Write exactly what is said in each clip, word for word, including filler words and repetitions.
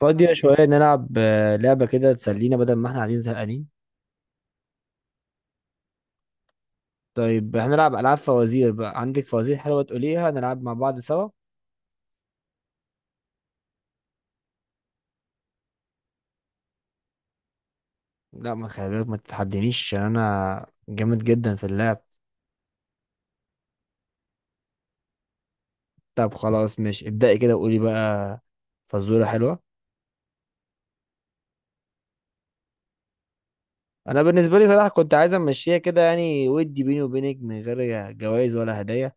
فاضية شوية نلعب آه، لعبة كده تسلينا بدل ما احنا قاعدين زهقانين. طيب، هنلعب ألعاب فوازير. بقى عندك فوازير حلوة تقوليها نلعب مع بعض سوا؟ لا، ما خلي بالك ما تتحدينيش عشان أنا جامد جدا في اللعب. طب خلاص، ماشي، ابدأي كده وقولي بقى فزورة حلوة. أنا بالنسبة لي صراحة كنت عايز أمشيها كده، يعني ودي بيني وبينك من غير جوائز ولا هدايا.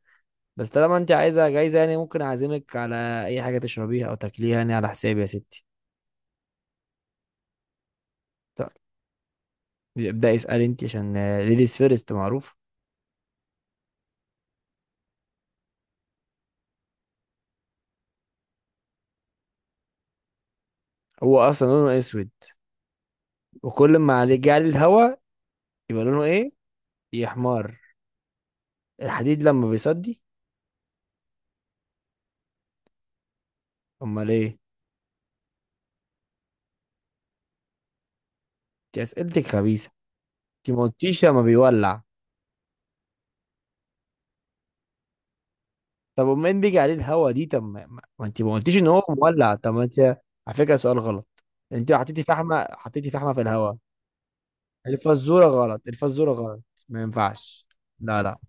بس طالما أنت عايزة جايزة، يعني ممكن أعزمك على أي حاجة تشربيها أو تاكليها يعني، على حسابي يا ستي. طب ابدأي، اسألي أنت عشان ليديز فيرست معروف. هو اصلا لونه اسود، وكل ما عليه جعل الهواء يبقى لونه ايه؟ يا حمار! الحديد لما بيصدي. امال ايه؟ دي اسئلتك خبيثه. انت ما قلتيش لما بيولع. طب، امال بيجي عليه الهواء دي؟ طب ما ما- ما انت ما قلتيش ان هو مولع؟ طب ما انت... على فكره، سؤال غلط. انت حطيتي فحمه، حطيتي فحمه في الهواء؟ الفزوره غلط، الفزوره غلط. ما ينفعش. لا لا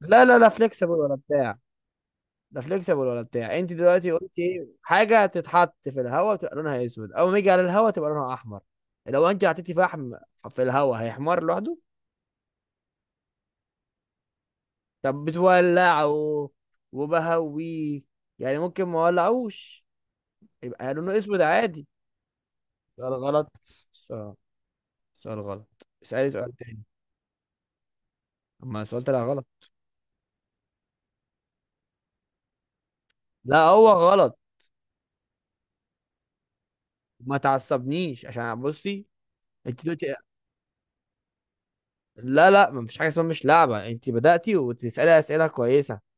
لا. لا لا. فليكسبل ولا بتاع لا فليكسبل ولا بتاع. انت دلوقتي قلت ايه؟ حاجه تتحط في الهواء تبقى لونها اسود، اول ما يجي على الهواء تبقى لونها احمر. لو انت حطيتي فحم في الهواء هيحمر لوحده؟ طب بتولعه وبهويه، يعني ممكن ما اولعوش يبقى لونه اسود عادي. سؤال غلط. سؤال. سؤال غلط. اسالي سؤال تاني. اما السؤال طلع غلط. لا، هو غلط. ما تعصبنيش، عشان بصي، انت دلوقتي... لا لا، ما فيش حاجه اسمها مش لعبه. انت بداتي وتسالي اسئله كويسه.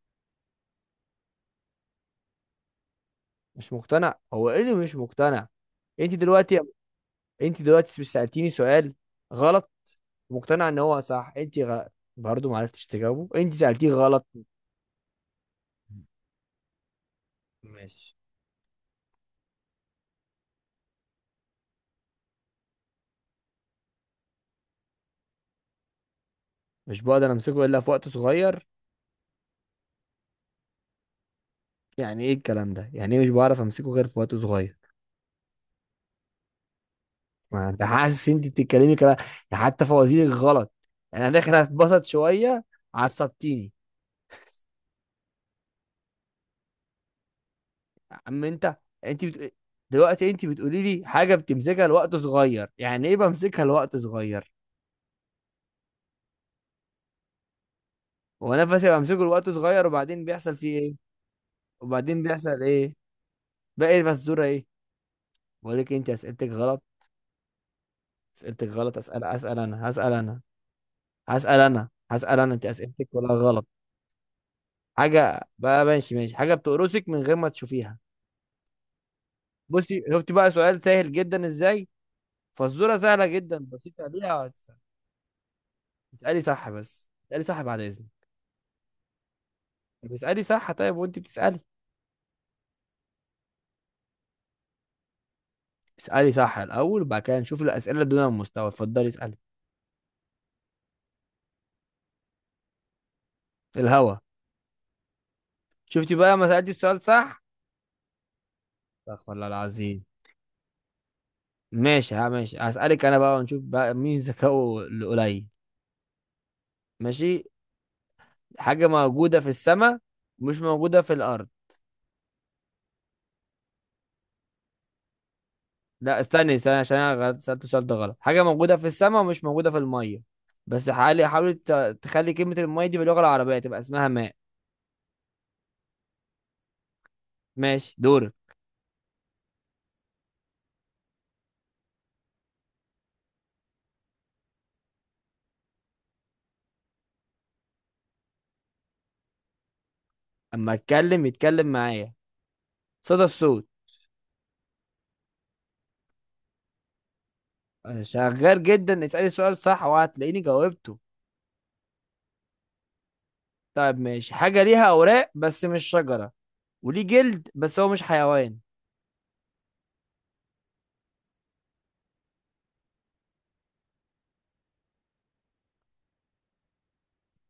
مش مقتنع؟ هو ايه اللي مش مقتنع؟ انت دلوقتي انت دلوقتي سألتيني سؤال غلط. مقتنع ان هو صح؟ انت غ... برضه ما عرفتش تجاوبه؟ انت سألتيه غلط. ماشي. مش بقدر امسكه الا في وقت صغير؟ يعني ايه الكلام ده؟ يعني ايه مش بعرف امسكه غير في وقت صغير؟ ما انت حاسس انت بتتكلمي كلام، حتى فوازيرك غلط. يعني انا داخل اتبسط شويه، عصبتيني. اما انت، انت بت... دلوقتي انت بتقولي لي حاجه بتمسكها لوقت صغير، يعني ايه بمسكها لوقت صغير؟ هو نفسي بمسكه الوقت صغير وبعدين بيحصل فيه ايه؟ وبعدين بيحصل ايه؟ باقي الفزوره ايه؟ بقول لك انت اسئلتك غلط، اسئلتك غلط. اسال اسال انا، هسال انا، هسال انا، هسال انا، انت اسئلتك كلها غلط. حاجه بقى، ماشي ماشي، حاجه بتقرصك من غير ما تشوفيها. بصي، شفتي بقى سؤال سهل جدا ازاي؟ فزوره سهله جدا بسيطه ليها. تسالي صح، بس تسالي صح بعد اذنك. طب اسالي صح طيب، وانت بتسالي. اسالي صح الاول، وبعد كده نشوف الاسئله دون المستوى. اتفضلي، اسالي. الهوا. شفتي بقى لما سالتي السؤال صح؟ استغفر الله العظيم. ماشي، ها ماشي، هسألك انا بقى ونشوف بقى مين ذكائه القليل. ماشي. حاجة موجودة في السماء، مش موجودة في الأرض. لا، استني استني، عشان انا غلط- سألت السؤال ده غلط. حاجة موجودة في السماء ومش موجودة في المية. بس حاولي حاولي ت- تخلي كلمة المية دي باللغة العربية تبقى اسمها ماء. ماشي، دورك. أما أتكلم يتكلم معايا. صدى الصوت. أنا شغال جدا. اسألي السؤال صح وهتلاقيني جاوبته. طيب ماشي. حاجة ليها أوراق بس مش شجرة، وليه جلد بس هو مش حيوان.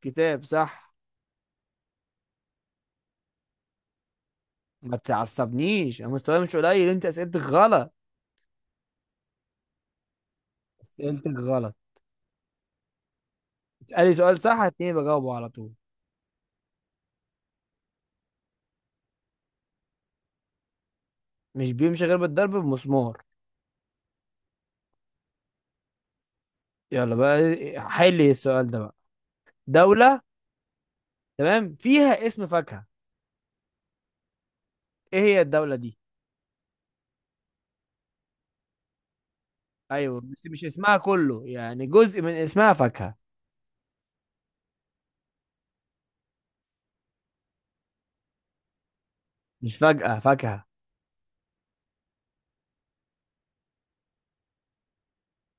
كتاب، صح. ما تعصبنيش، انا مستواي مش قليل، انت اسئلتك غلط، اسئلتك غلط. اسالي سؤال صح هتلاقيني بجاوبه على طول. مش بيمشي غير بالضرب، بمسمار. يلا بقى، حل السؤال ده بقى. دولة، تمام، فيها اسم فاكهة. ايه هي الدولة دي؟ ايوه، بس مش اسمها كله، يعني جزء من اسمها فاكهة. مش فجأة فاكهة.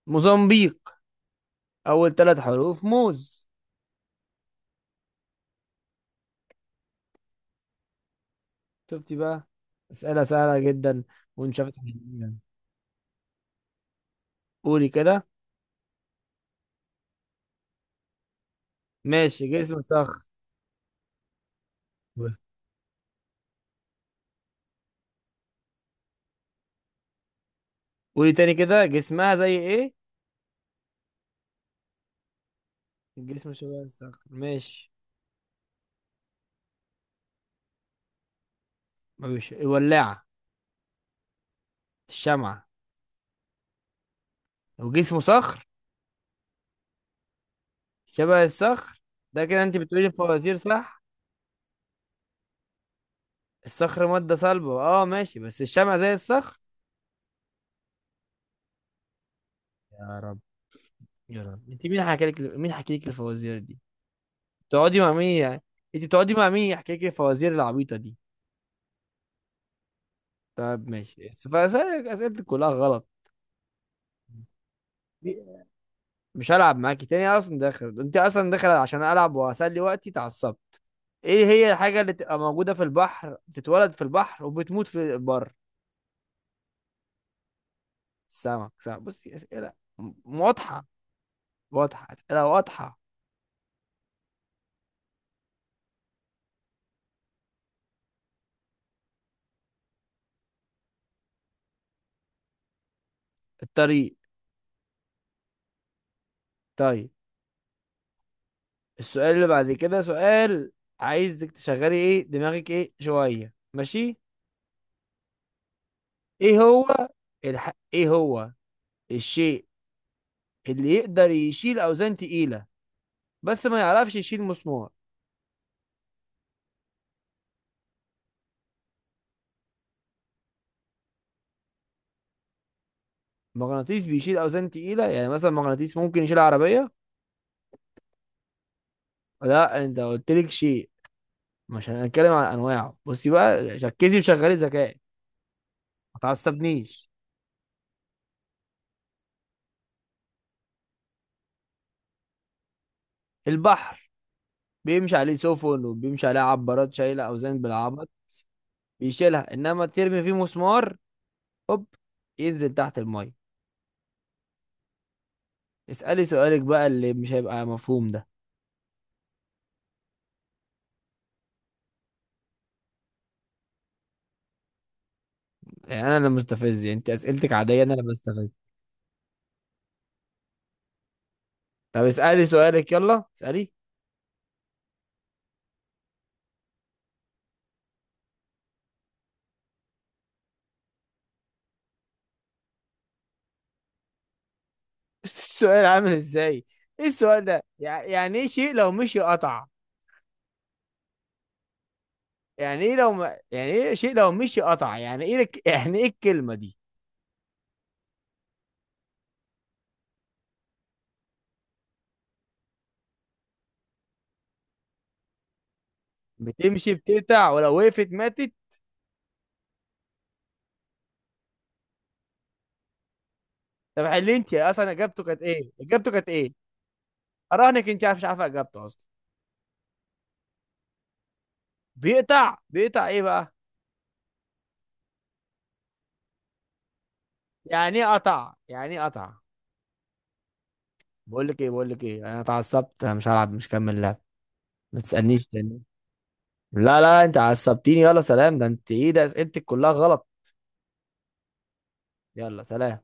موزمبيق، اول ثلاث حروف موز. شفتي بقى، اسئلة سهلة جدا ونشافت حلوة. قولي كده. ماشي، جسم صخر. قولي تاني كده، جسمها زي ايه؟ الجسم شبه الصخر، ماشي. مش الولاعة؟ الشمعة. وجسمه صخر، شبه الصخر. ده كده انت بتقولي الفوازير صح. الصخر مادة صلبة، اه ماشي، بس الشمعة زي الصخر؟ يا رب، يا رب، انت مين حكى لك، مين حكى لك الفوازير دي؟ بتقعدي مع مين يعني؟ انت بتقعدي مع مين يحكي لك الفوازير العبيطة دي؟ طب ماشي، بس فاسألك اسئلتك كلها غلط. مش هلعب معاكي تاني. أنا اصلا داخل، انت اصلا داخل عشان العب واسلي وقتي، اتعصبت. ايه هي الحاجه اللي تبقى موجوده في البحر، بتتولد في البحر وبتموت في البر؟ السمك؟ سمك! بصي اسئله م- واضحه. واضحه، اسئله واضحه. الطريق. طيب، السؤال اللي بعد كده سؤال عايزك تشغلي ايه دماغك ايه شويه، ماشي؟ ايه هو الح... ايه هو الشيء اللي يقدر يشيل اوزان تقيله بس ما يعرفش يشيل مسمار؟ مغناطيس بيشيل اوزان تقيله، يعني مثلا مغناطيس ممكن يشيل عربيه. لا، انت قلت لك شيء، مش هنتكلم عن انواعه. بصي بقى، ركزي وشغلي ذكاء. ما تعصبنيش. البحر، بيمشي عليه سفن وبيمشي عليه عبارات شايله اوزان بالعبط بيشيلها، انما ترمي فيه مسمار، هوب، ينزل تحت الميه. اسالي سؤالك بقى اللي مش هيبقى مفهوم ده. يعني انا اللي مستفز؟ يعني انت اسئلتك عاديه انا اللي بستفز؟ طب اسالي سؤالك، يلا اسالي. السؤال عامل ازاي؟ ايه السؤال ده؟ يع- يعني ايه شيء لو مشي قطع؟ يعني ايه لو ما... يعني ايه شيء لو مشي قطع؟ يعني ايه لك... يعني ايه الكلمة دي؟ بتمشي بتقطع ولو وقفت ماتت؟ طب حلي، انت اصلا اجابته كانت ايه؟ اجابته كانت ايه؟ اراهنك انت عارف، مش عارفه اجابته اصلا. بيقطع، بيقطع ايه بقى؟ يعني ايه قطع؟ يعني ايه قطع؟ بقول لك ايه، بقول لك ايه، انا اتعصبت، انا مش هلعب، مش هكمل لعب. ما تسألنيش تاني. لا لا، انت عصبتيني، يلا سلام. ده انت ايه ده؟ اسئلتك كلها غلط. يلا سلام.